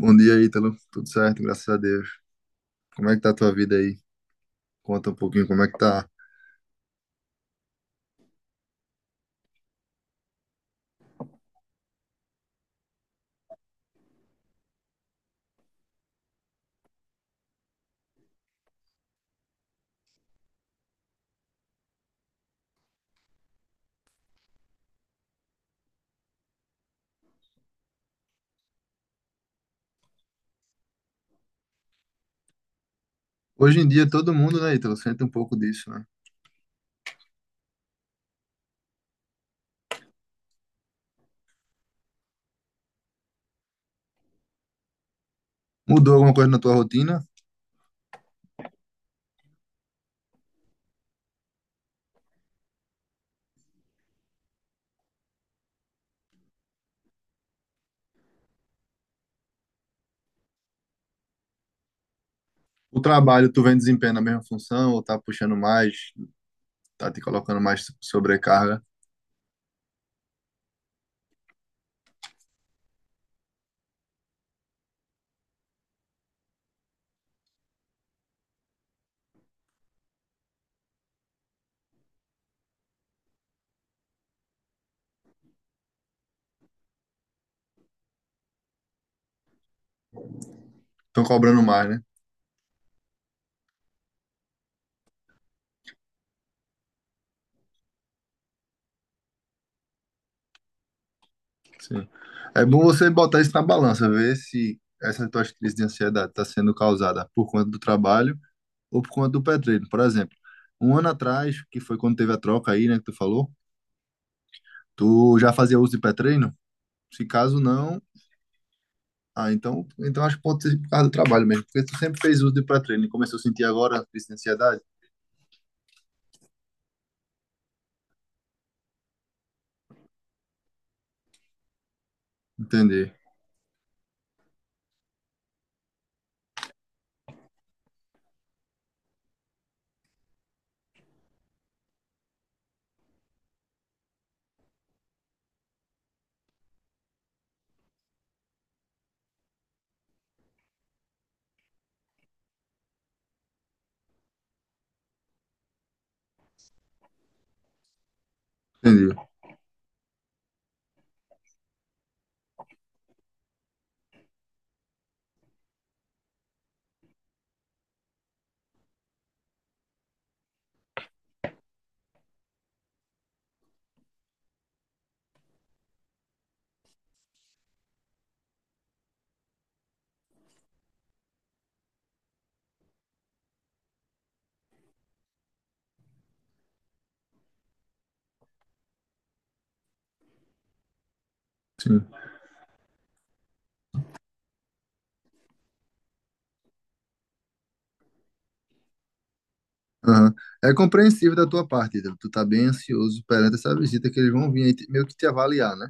Bom dia, Ítalo. Tudo certo, graças a Deus. Como é que tá a tua vida aí? Conta um pouquinho como é que tá. Hoje em dia, todo mundo, né, Ítalo, sente um pouco disso, né? Mudou alguma coisa na tua rotina? O trabalho, tu vem desempenhando a mesma função ou tá puxando mais, tá te colocando mais sobrecarga? Estão cobrando mais, né? Sim. É bom você botar isso na balança, ver se essa tua crise de ansiedade está sendo causada por conta do trabalho ou por conta do petróleo. Por exemplo, um ano atrás, que foi quando teve a troca aí, né, que tu falou, tu já fazia uso de pré. Se caso não, ah, então, então acho que pode ser por causa do trabalho mesmo, porque tu sempre fez uso de pré-treino e começou a sentir agora essa ansiedade? Entendi, entendi. Sim. Aham. É compreensível da tua parte, Ítalo. Tu tá bem ansioso perante essa visita que eles vão vir aí te- meio que te avaliar, né?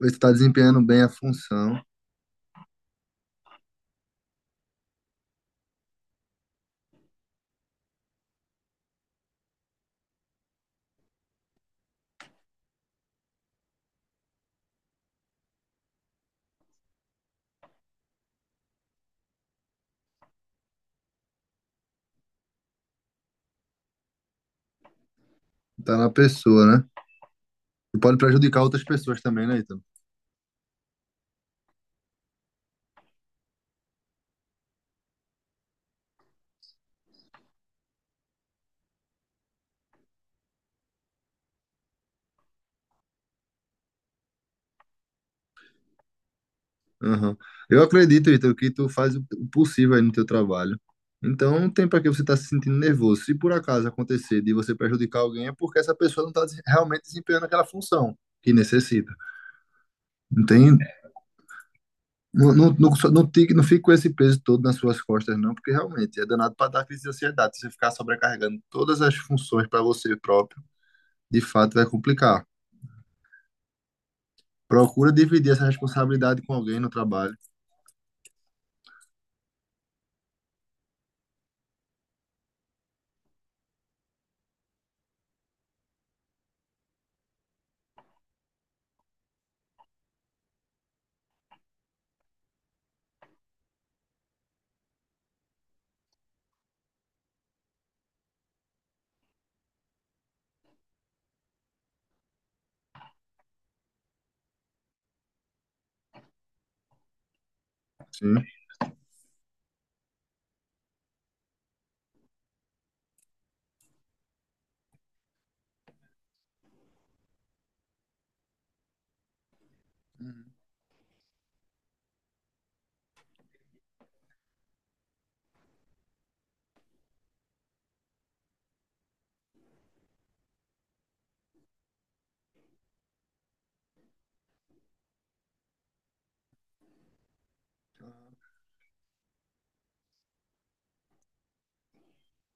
Ver se tu tá desempenhando bem a função, tá na pessoa, né? E pode prejudicar outras pessoas também, né, Ítalo? Aham. Eu acredito, Ítalo, que tu faz o possível aí no teu trabalho. Então, não tem para que você estar se sentindo nervoso. Se por acaso acontecer de você prejudicar alguém, é porque essa pessoa não está realmente desempenhando aquela função que necessita. Não tem, não fica com esse peso todo nas suas costas, não, porque realmente é danado para dar crise de ansiedade. Se você ficar sobrecarregando todas as funções para você próprio, de fato vai complicar. Procura dividir essa responsabilidade com alguém no trabalho. Sim.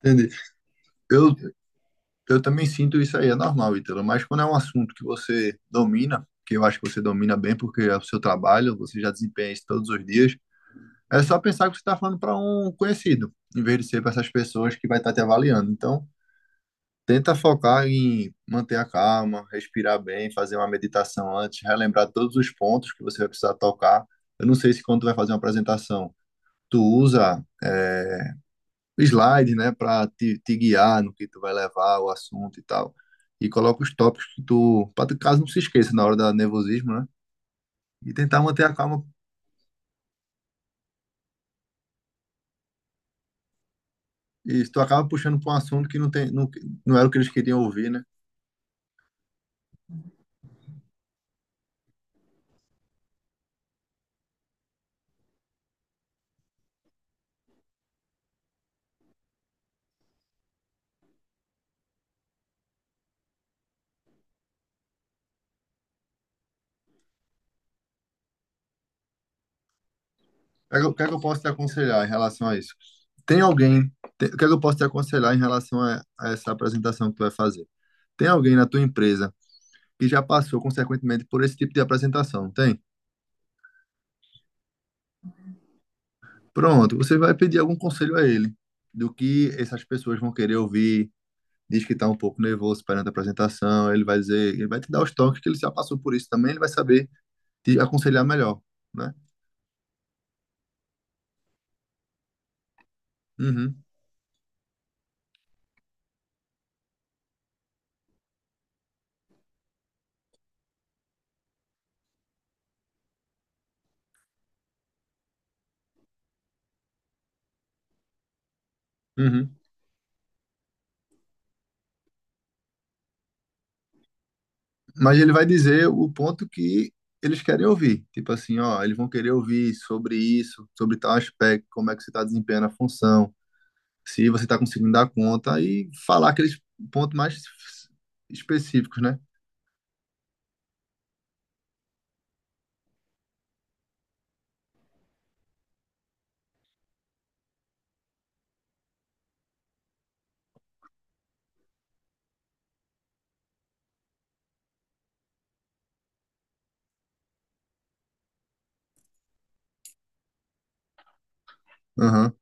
Entendi. Eu, Eu também sinto isso aí, é normal, Ítalo, mas quando é um assunto que você domina, que eu acho que você domina bem, porque é o seu trabalho, você já desempenha isso todos os dias, é só pensar que você está falando para um conhecido, em vez de ser para essas pessoas que vai estar te avaliando. Então, tenta focar em manter a calma, respirar bem, fazer uma meditação antes, relembrar todos os pontos que você vai precisar tocar. Eu não sei se quando tu vai fazer uma apresentação, tu usa slide, né, para te guiar no que tu vai levar o assunto e tal. E coloca os tópicos que tu, para tu caso não se esqueça na hora da nervosismo, né? E tentar manter a calma. E tu acaba puxando para um assunto que não tem, não, não era o que eles queriam ouvir, né? O que é que eu o que é que eu posso te aconselhar em relação a isso? Tem alguém, tem- o que é que eu posso te aconselhar em relação a essa apresentação que tu vai fazer? Tem alguém na tua empresa que já passou, consequentemente, por esse tipo de apresentação, não tem? Pronto, você vai pedir algum conselho a ele do que essas pessoas vão querer ouvir, diz que está um pouco nervoso perante a apresentação, ele vai dizer, ele vai te dar os toques que ele já passou por isso também, ele vai saber te aconselhar melhor, né? Uhum, uhum. Mas ele vai dizer o ponto que eles querem ouvir, tipo assim, ó, eles vão querer ouvir sobre isso, sobre tal aspecto, como é que você está desempenhando a função, se você está conseguindo dar conta e falar aqueles pontos mais específicos, né? Aham.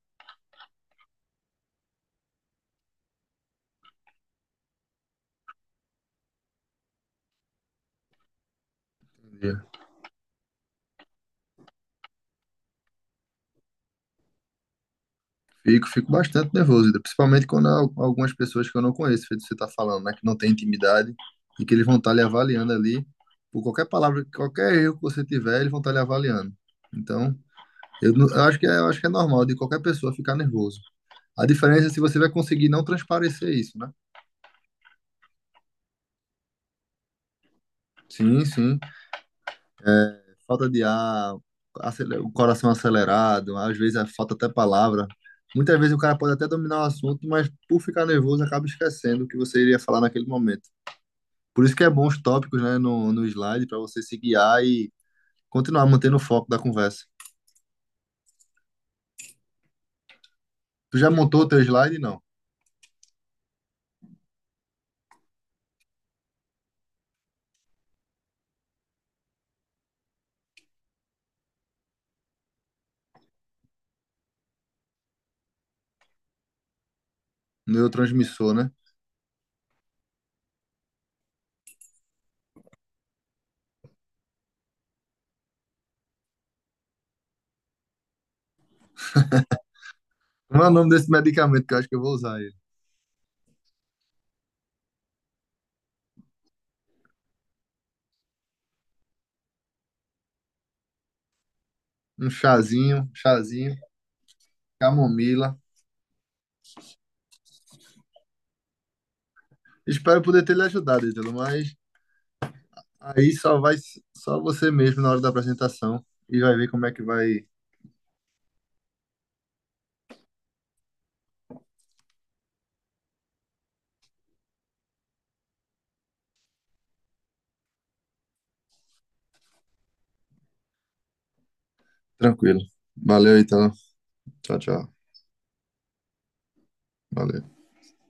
Fico, fico bastante nervoso, ainda, principalmente quando há al- algumas pessoas que eu não conheço, feito você está falando, né, que não tem intimidade e que eles vão estar lhe avaliando ali por qualquer palavra, qualquer erro que você tiver, eles vão estar lhe avaliando. Então, eu, não- eu acho que é, eu acho que é normal de qualquer pessoa ficar nervoso. A diferença é se você vai conseguir não transparecer isso, né? Sim, sim. É, falta de ar, acele- o coração acelerado, às vezes é, falta até palavra. Muitas vezes o cara pode até dominar o assunto, mas por ficar nervoso acaba esquecendo o que você iria falar naquele momento. Por isso que é bom os tópicos, né, no slide, para você se guiar e continuar mantendo o foco da conversa. Tu já montou o teu slide? Não. Neurotransmissor, né? Como é o nome desse medicamento que eu acho que eu vou usar ele? Um chazinho, camomila. Espero poder ter lhe ajudado, Ítalo, mas aí só você mesmo na hora da apresentação e vai ver como é que vai. Tranquilo. Valeu, Ítalo. Tchau, tchau. Valeu.